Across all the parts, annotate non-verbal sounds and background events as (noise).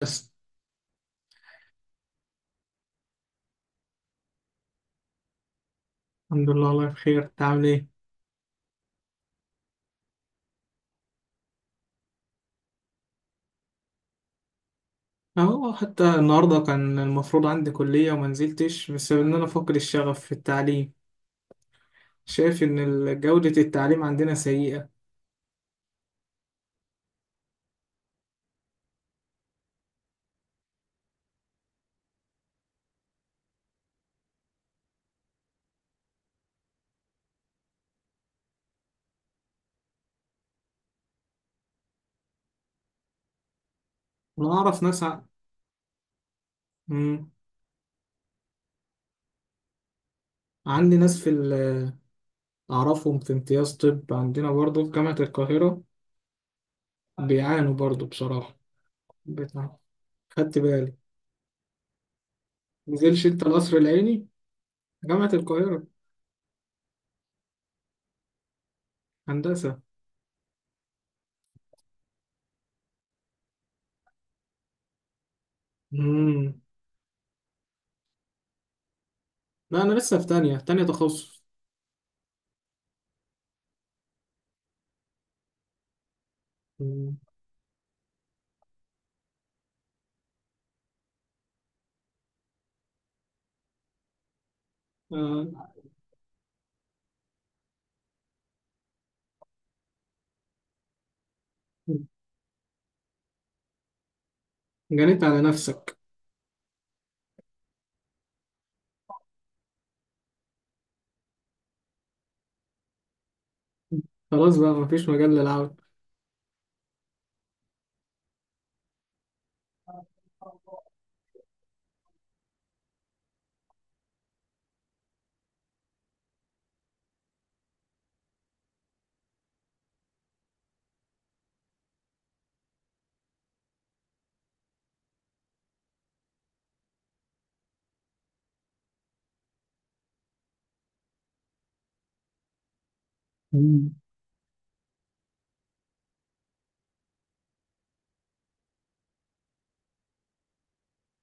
بس. الحمد لله، والله بخير. انت عامل ايه؟ اهو حتى النهارده كان المفروض عندي كلية وما نزلتش بسبب ان انا فاقد الشغف في التعليم. شايف ان جودة التعليم عندنا سيئة. انا اعرف ناس ع... مم. عندي ناس في ال... اعرفهم في امتياز طب عندنا برضه في جامعة القاهرة، بيعانوا برضه بصراحة. بتاع. خدت بالي. نزلش انت القصر العيني؟ جامعة القاهرة. هندسة. مم. لا، انا لسه في تانية تخصص. مم. آه. جنيت على نفسك. خلاص بقى، مفيش مجال للعب. مم.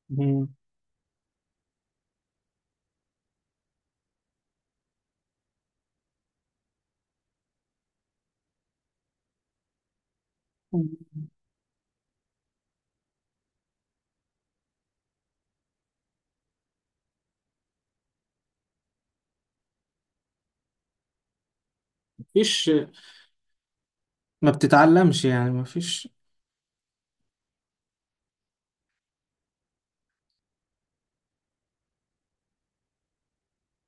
مم. مفيش، ما بتتعلمش يعني، مفيش.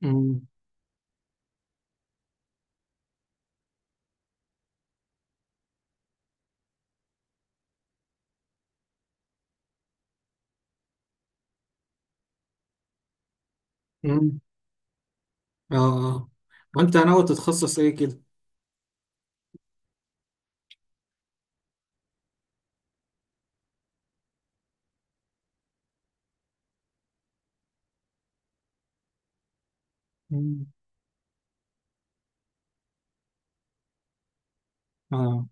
مم. مم. اه، آه. وانت ناوي تتخصص ايه كده؟ مم. اه،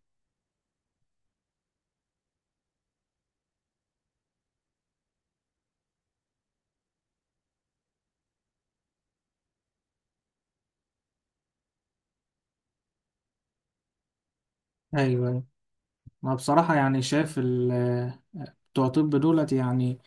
ايوه أيوة. ما بصراحة يعني شايف بتوع طب دولت يعني،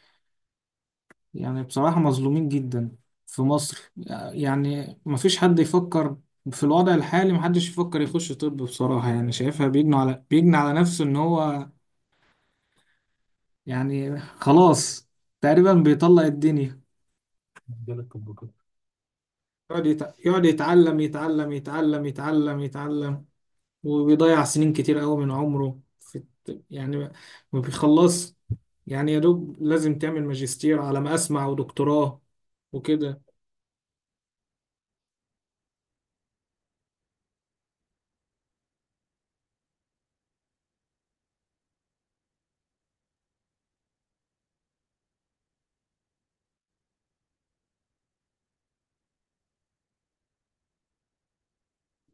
يعني بصراحة مظلومين جدا في مصر. يعني ما فيش حد يفكر في الوضع الحالي، ما حدش يفكر يخش طب بصراحة. يعني شايفها بيجني على نفسه ان هو، يعني خلاص تقريبا بيطلق الدنيا، مجال الكمبيوتر. يقعد يتعلم يتعلم يتعلم يتعلم يتعلم، وبيضيع سنين كتير قوي من عمره في يعني ما بيخلص. يعني يا دوب لازم تعمل ماجستير على ما أسمع ودكتوراه وكده.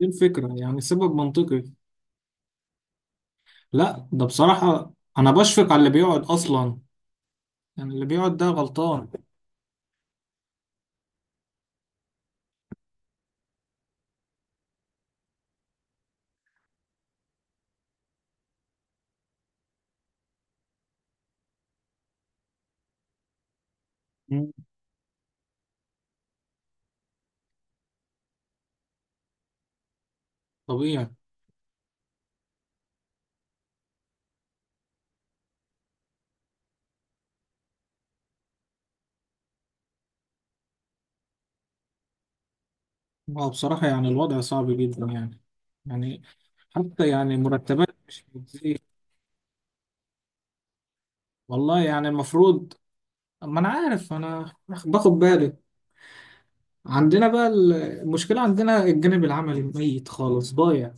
دي الفكرة، يعني سبب منطقي. لا، ده بصراحة أنا بشفق على اللي بيقعد أصلا. يعني اللي بيقعد ده غلطان. مم. طبيعي. هو بصراحة يعني الوضع صعب جدا يعني، يعني حتى يعني مرتبات مش بتزيد. والله يعني المفروض، ما انا عارف، انا باخد بالي. عندنا بقى المشكله عندنا الجانب العملي ميت خالص ضايع.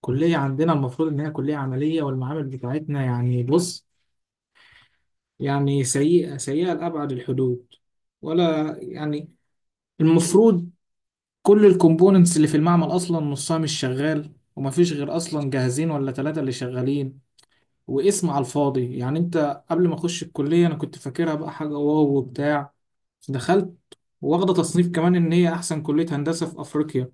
كليه عندنا المفروض ان هي كليه عمليه، والمعامل بتاعتنا يعني بص، يعني سيئه سيئه لابعد الحدود. ولا يعني المفروض كل الكومبوننتس اللي في المعمل اصلا نصها مش شغال، ومفيش غير اصلا جاهزين ولا ثلاثه اللي شغالين، واسم على الفاضي. يعني انت قبل ما اخش الكلية انا كنت فاكرها بقى حاجة واو وبتاع. دخلت واخدة تصنيف كمان ان هي احسن كلية هندسة في افريقيا.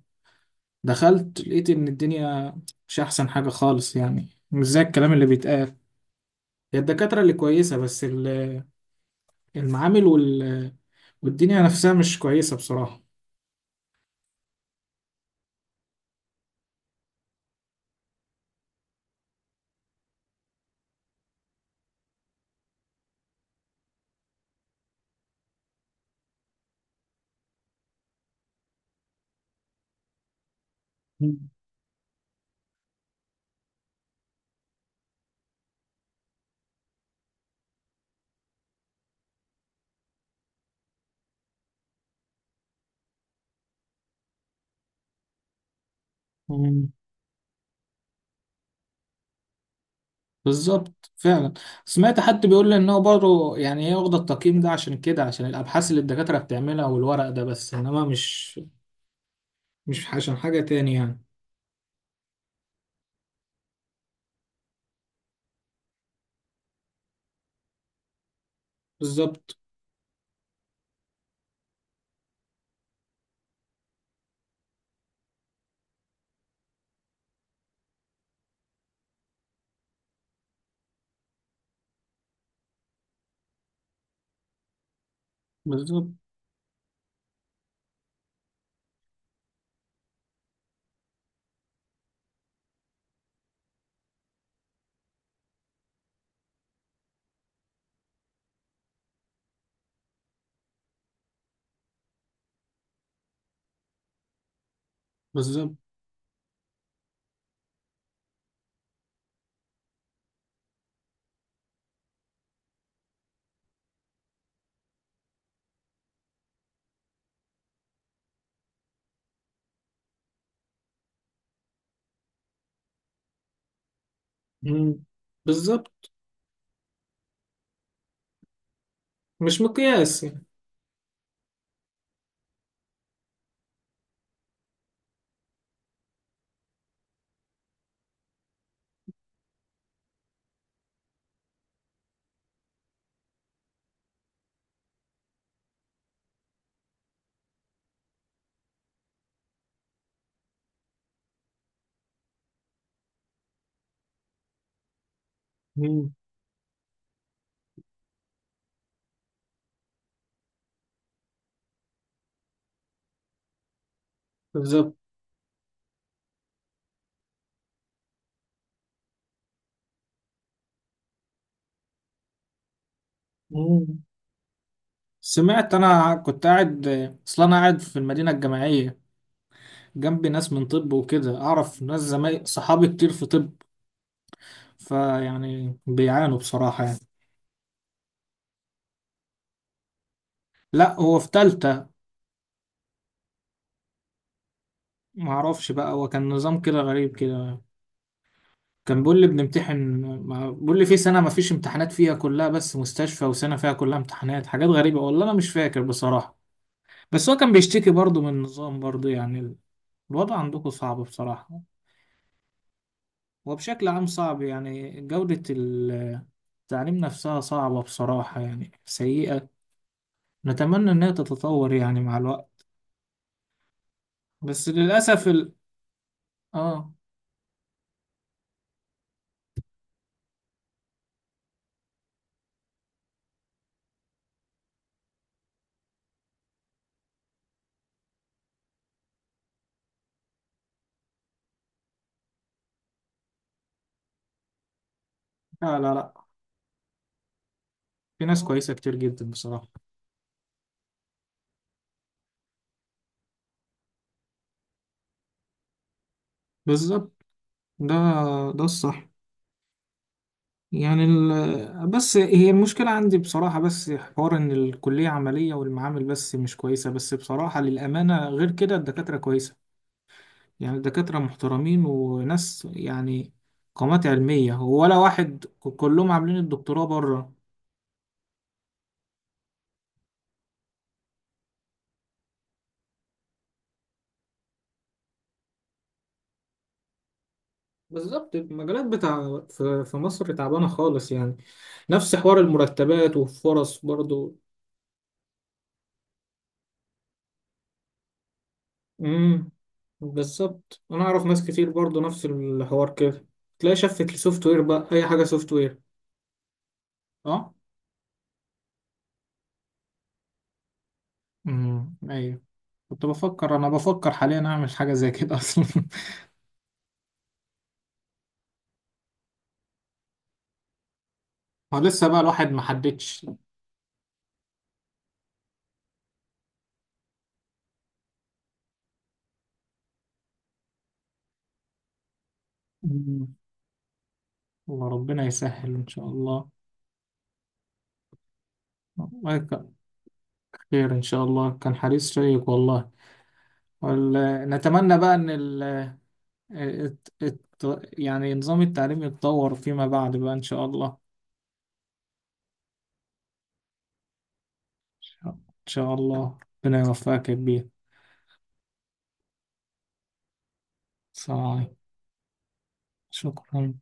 دخلت لقيت ان الدنيا مش احسن حاجة خالص، يعني مش زي الكلام اللي بيتقال. هي الدكاترة اللي كويسة، بس المعامل والدنيا نفسها مش كويسة بصراحة. مم. مم. بالظبط فعلا. سمعت حد بيقول لي ان هو برضه، يعني هي واخده التقييم ده عشان كده، عشان الابحاث اللي الدكاتره بتعملها والورق ده، بس انما مش عشان حاجة تاني يعني. بالظبط. بالظبط. بالظبط. مم. بالظبط. مش مقياس يعني. مم. بالظبط. مم. سمعت، أنا كنت قاعد، أصل أنا قاعد في المدينة الجامعية، جنبي ناس من طب وكده. أعرف ناس زمايل صحابي كتير في طب، فيعني بيعانوا بصراحة يعني. لا، هو في تالتة. معرفش بقى، هو كان نظام كده غريب كده. كان بيقول لي بنمتحن، ما بيقول لي في سنة ما فيش امتحانات فيها كلها بس مستشفى، وسنة فيها كلها امتحانات. حاجات غريبة والله، أنا مش فاكر بصراحة. بس هو كان بيشتكي برضه من النظام برضه. يعني الوضع عندكم صعب بصراحة، وبشكل عام صعب. يعني جودة التعليم نفسها صعبة بصراحة يعني سيئة. نتمنى إنها تتطور يعني مع الوقت. بس للأسف آه. لا لا لا، في ناس كويسة كتير جدا بصراحة. بالظبط. ده ده الصح. يعني بس هي المشكلة عندي بصراحة، بس حوار إن الكلية عملية والمعامل بس مش كويسة، بس بصراحة للأمانة غير كده الدكاترة كويسة. يعني الدكاترة محترمين وناس، يعني قامات علمية، ولا واحد كلهم عاملين الدكتوراه بره. بالظبط المجالات بتاع في مصر تعبانة خالص يعني، نفس حوار المرتبات والفرص برضو. امم، بالظبط. أنا أعرف ناس كتير برضو نفس الحوار كده. تلاقي شفت السوفت وير بقى، أي حاجة سوفت وير. اه. امم، ايوه. كنت بفكر، انا بفكر حاليا اعمل حاجه زي كده اصلا (laughs) هو لسه بقى، الواحد ما حددش. أمم، والله ربنا يسهل ان شاء الله. والله ك- خير ان شاء الله. كان حديث شيق والله. وال- نتمنى بقى ان يعني نظام التعليم يتطور فيما بعد بقى ان شاء الله. ان شاء الله. ربنا يوفقك يا كبير. صحيح. شكرا.